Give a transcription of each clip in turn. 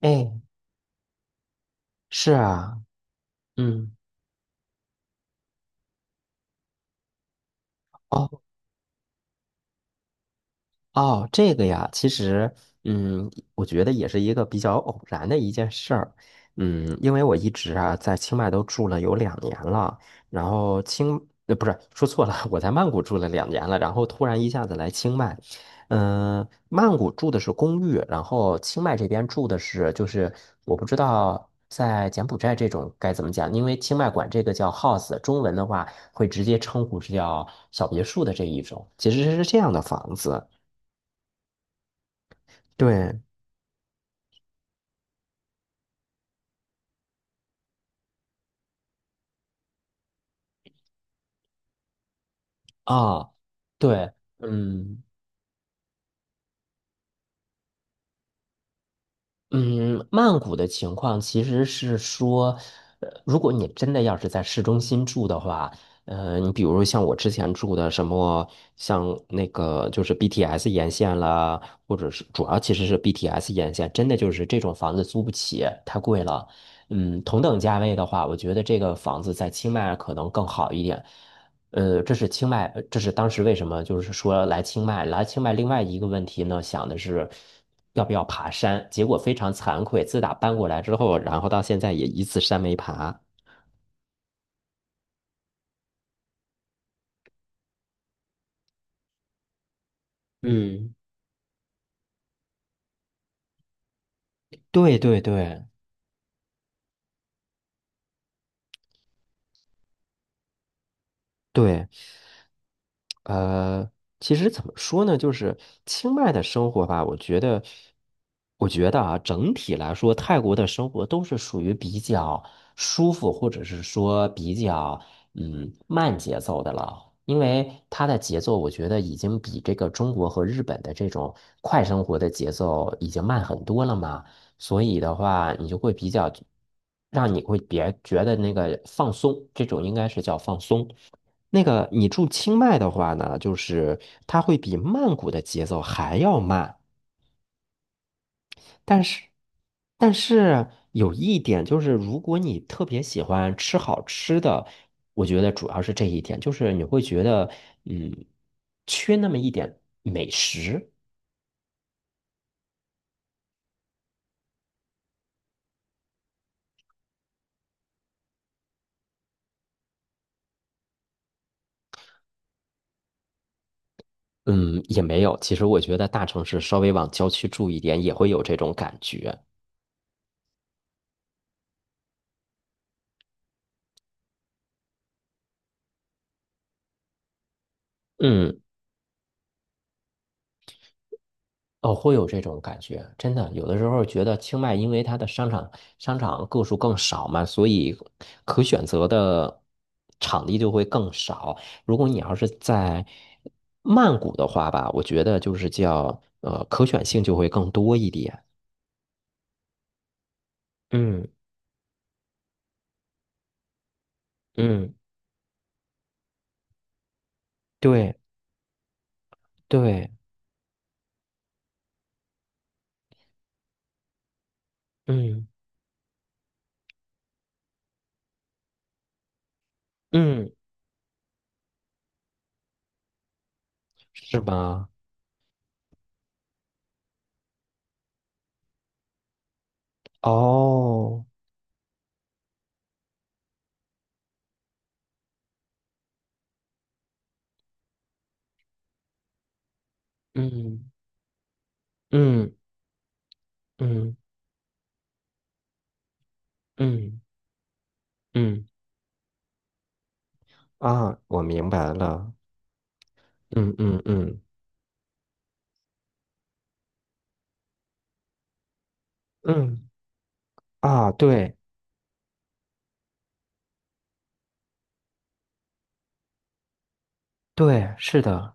哎，是啊，嗯，哦，哦，这个呀，其实，我觉得也是一个比较偶然的一件事儿，因为我一直啊在清迈都住了有两年了，然后不是，说错了，我在曼谷住了2年了，然后突然一下子来清迈，曼谷住的是公寓，然后清迈这边住的是，就是我不知道在柬埔寨这种该怎么讲，因为清迈管这个叫 house，中文的话会直接称呼是叫小别墅的这一种，其实是这样的房子。对，啊，对，嗯嗯，曼谷的情况其实是说，如果你真的要是在市中心住的话，你比如像我之前住的什么，像那个就是 BTS 沿线啦，或者是主要其实是 BTS 沿线，真的就是这种房子租不起，太贵了。同等价位的话，我觉得这个房子在清迈可能更好一点。这是清迈，这是当时为什么就是说来清迈，来清迈另外一个问题呢，想的是要不要爬山，结果非常惭愧，自打搬过来之后，然后到现在也一次山没爬。嗯，对对对对，呃，其实怎么说呢，就是清迈的生活吧，我觉得啊，整体来说，泰国的生活都是属于比较舒服，或者是说比较慢节奏的了。因为它的节奏，我觉得已经比这个中国和日本的这种快生活的节奏已经慢很多了嘛，所以的话，你就会比较，让你会别觉得那个放松，这种应该是叫放松。那个你住清迈的话呢，就是它会比曼谷的节奏还要慢，但是，但是有一点就是，如果你特别喜欢吃好吃的，我觉得主要是这一点，就是你会觉得，嗯，缺那么一点美食，嗯，也没有。其实我觉得大城市稍微往郊区住一点，也会有这种感觉。嗯。哦，会有这种感觉，真的，有的时候觉得清迈因为它的商场个数更少嘛，所以可选择的场地就会更少。如果你要是在曼谷的话吧，我觉得就是叫可选性就会更多一点。嗯嗯，对对，嗯嗯，是吧？哦，嗯嗯嗯嗯嗯啊，我明白了，嗯嗯嗯。嗯啊，对对，是的，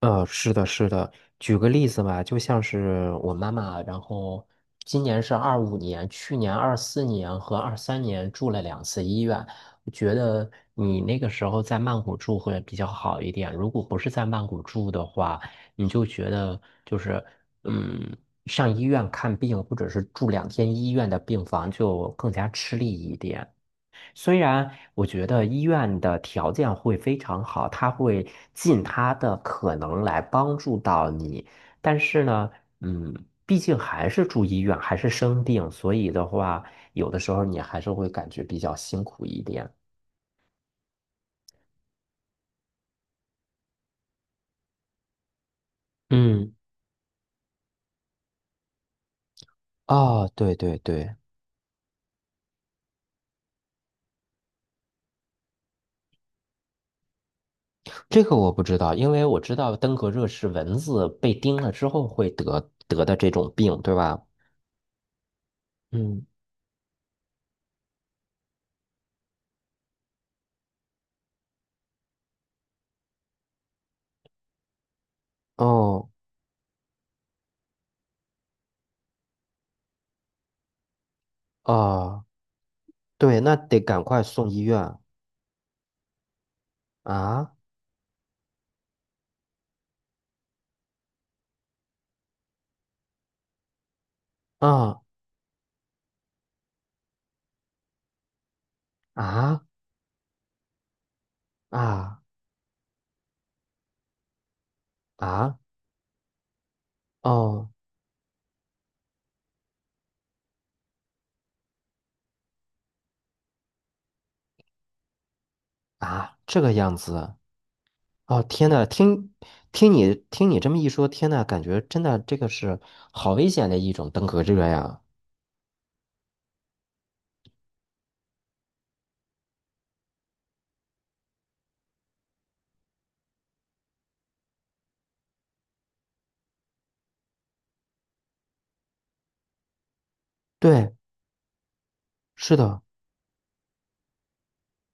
是的，是的。举个例子吧，就像是我妈妈，然后今年是25年，去年24年和23年住了2次医院。我觉得你那个时候在曼谷住会比较好一点，如果不是在曼谷住的话，你就觉得就是嗯，上医院看病或者是住2天医院的病房就更加吃力一点。虽然我觉得医院的条件会非常好，他会尽他的可能来帮助到你，但是呢，嗯，毕竟还是住医院，还是生病，所以的话，有的时候你还是会感觉比较辛苦一点。嗯，哦，对对对，这个我不知道，因为我知道登革热是蚊子被叮了之后会得得的这种病，对吧？嗯，哦，哦，对，那得赶快送医院啊啊！啊啊啊！哦啊，这个样子哦！天呐，听你这么一说，天呐，感觉真的这个是好危险的一种登革热呀！对，是的，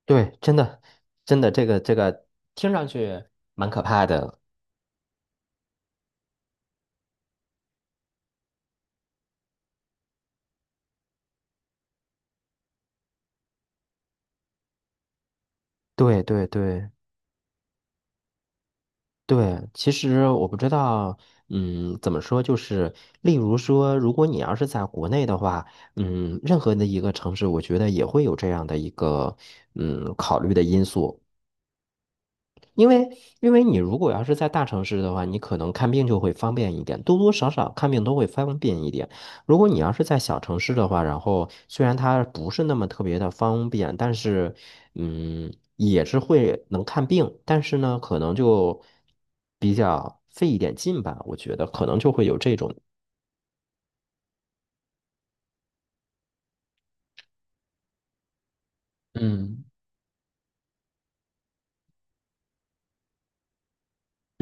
对，真的真的，这个听上去蛮可怕的。对对对。对，其实我不知道，怎么说，就是例如说，如果你要是在国内的话，任何的一个城市，我觉得也会有这样的一个，考虑的因素。因为因为你如果要是在大城市的话，你可能看病就会方便一点，多多少少看病都会方便一点。如果你要是在小城市的话，然后虽然它不是那么特别的方便，但是也是会能看病，但是呢，可能就比较费一点劲吧，我觉得可能就会有这种。嗯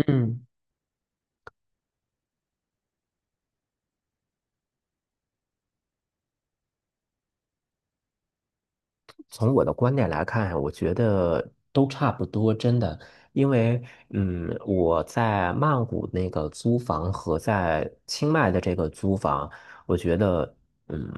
嗯。从我的观点来看，我觉得都差不多，真的。因为，我在曼谷那个租房和在清迈的这个租房，我觉得，嗯，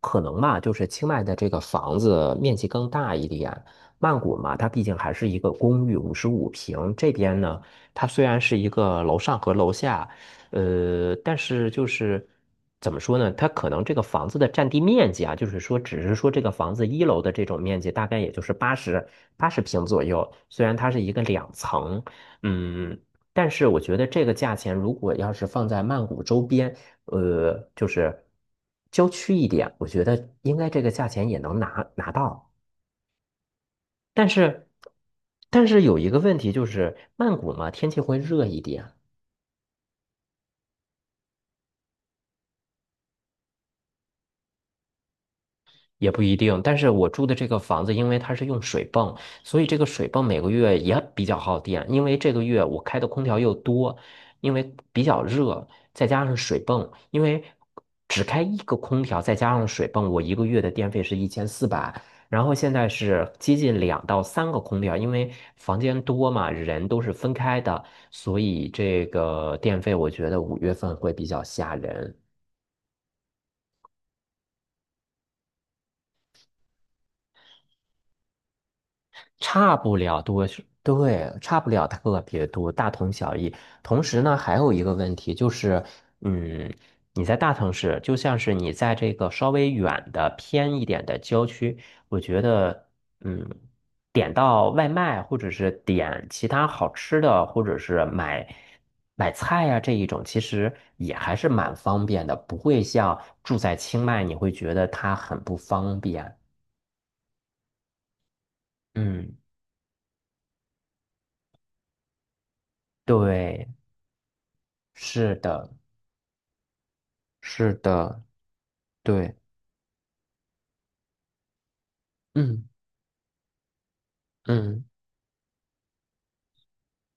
可能嘛，就是清迈的这个房子面积更大一点。曼谷嘛，它毕竟还是一个公寓，55平。这边呢，它虽然是一个楼上和楼下。但是就是怎么说呢？它可能这个房子的占地面积啊，就是说，只是说这个房子一楼的这种面积大概也就是80平左右。虽然它是一个两层，嗯，但是我觉得这个价钱如果要是放在曼谷周边，就是郊区一点，我觉得应该这个价钱也能拿到。但是，但是有一个问题就是，曼谷嘛，天气会热一点。也不一定，但是我住的这个房子，因为它是用水泵，所以这个水泵每个月也比较耗电。因为这个月我开的空调又多，因为比较热，再加上水泵，因为只开一个空调，再加上水泵，我一个月的电费是1400。然后现在是接近2到3个空调，因为房间多嘛，人都是分开的，所以这个电费我觉得5月份会比较吓人。差不了多是，对，差不了特别多，大同小异。同时呢，还有一个问题就是，嗯，你在大城市，就像是你在这个稍微远的偏一点的郊区，我觉得，嗯，点到外卖或者是点其他好吃的，或者是买菜呀、这一种，其实也还是蛮方便的，不会像住在清迈，你会觉得它很不方便。嗯，对，是的。是的，对，嗯嗯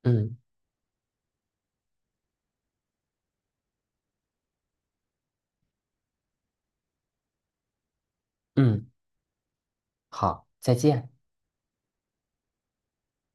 嗯嗯，好，再见。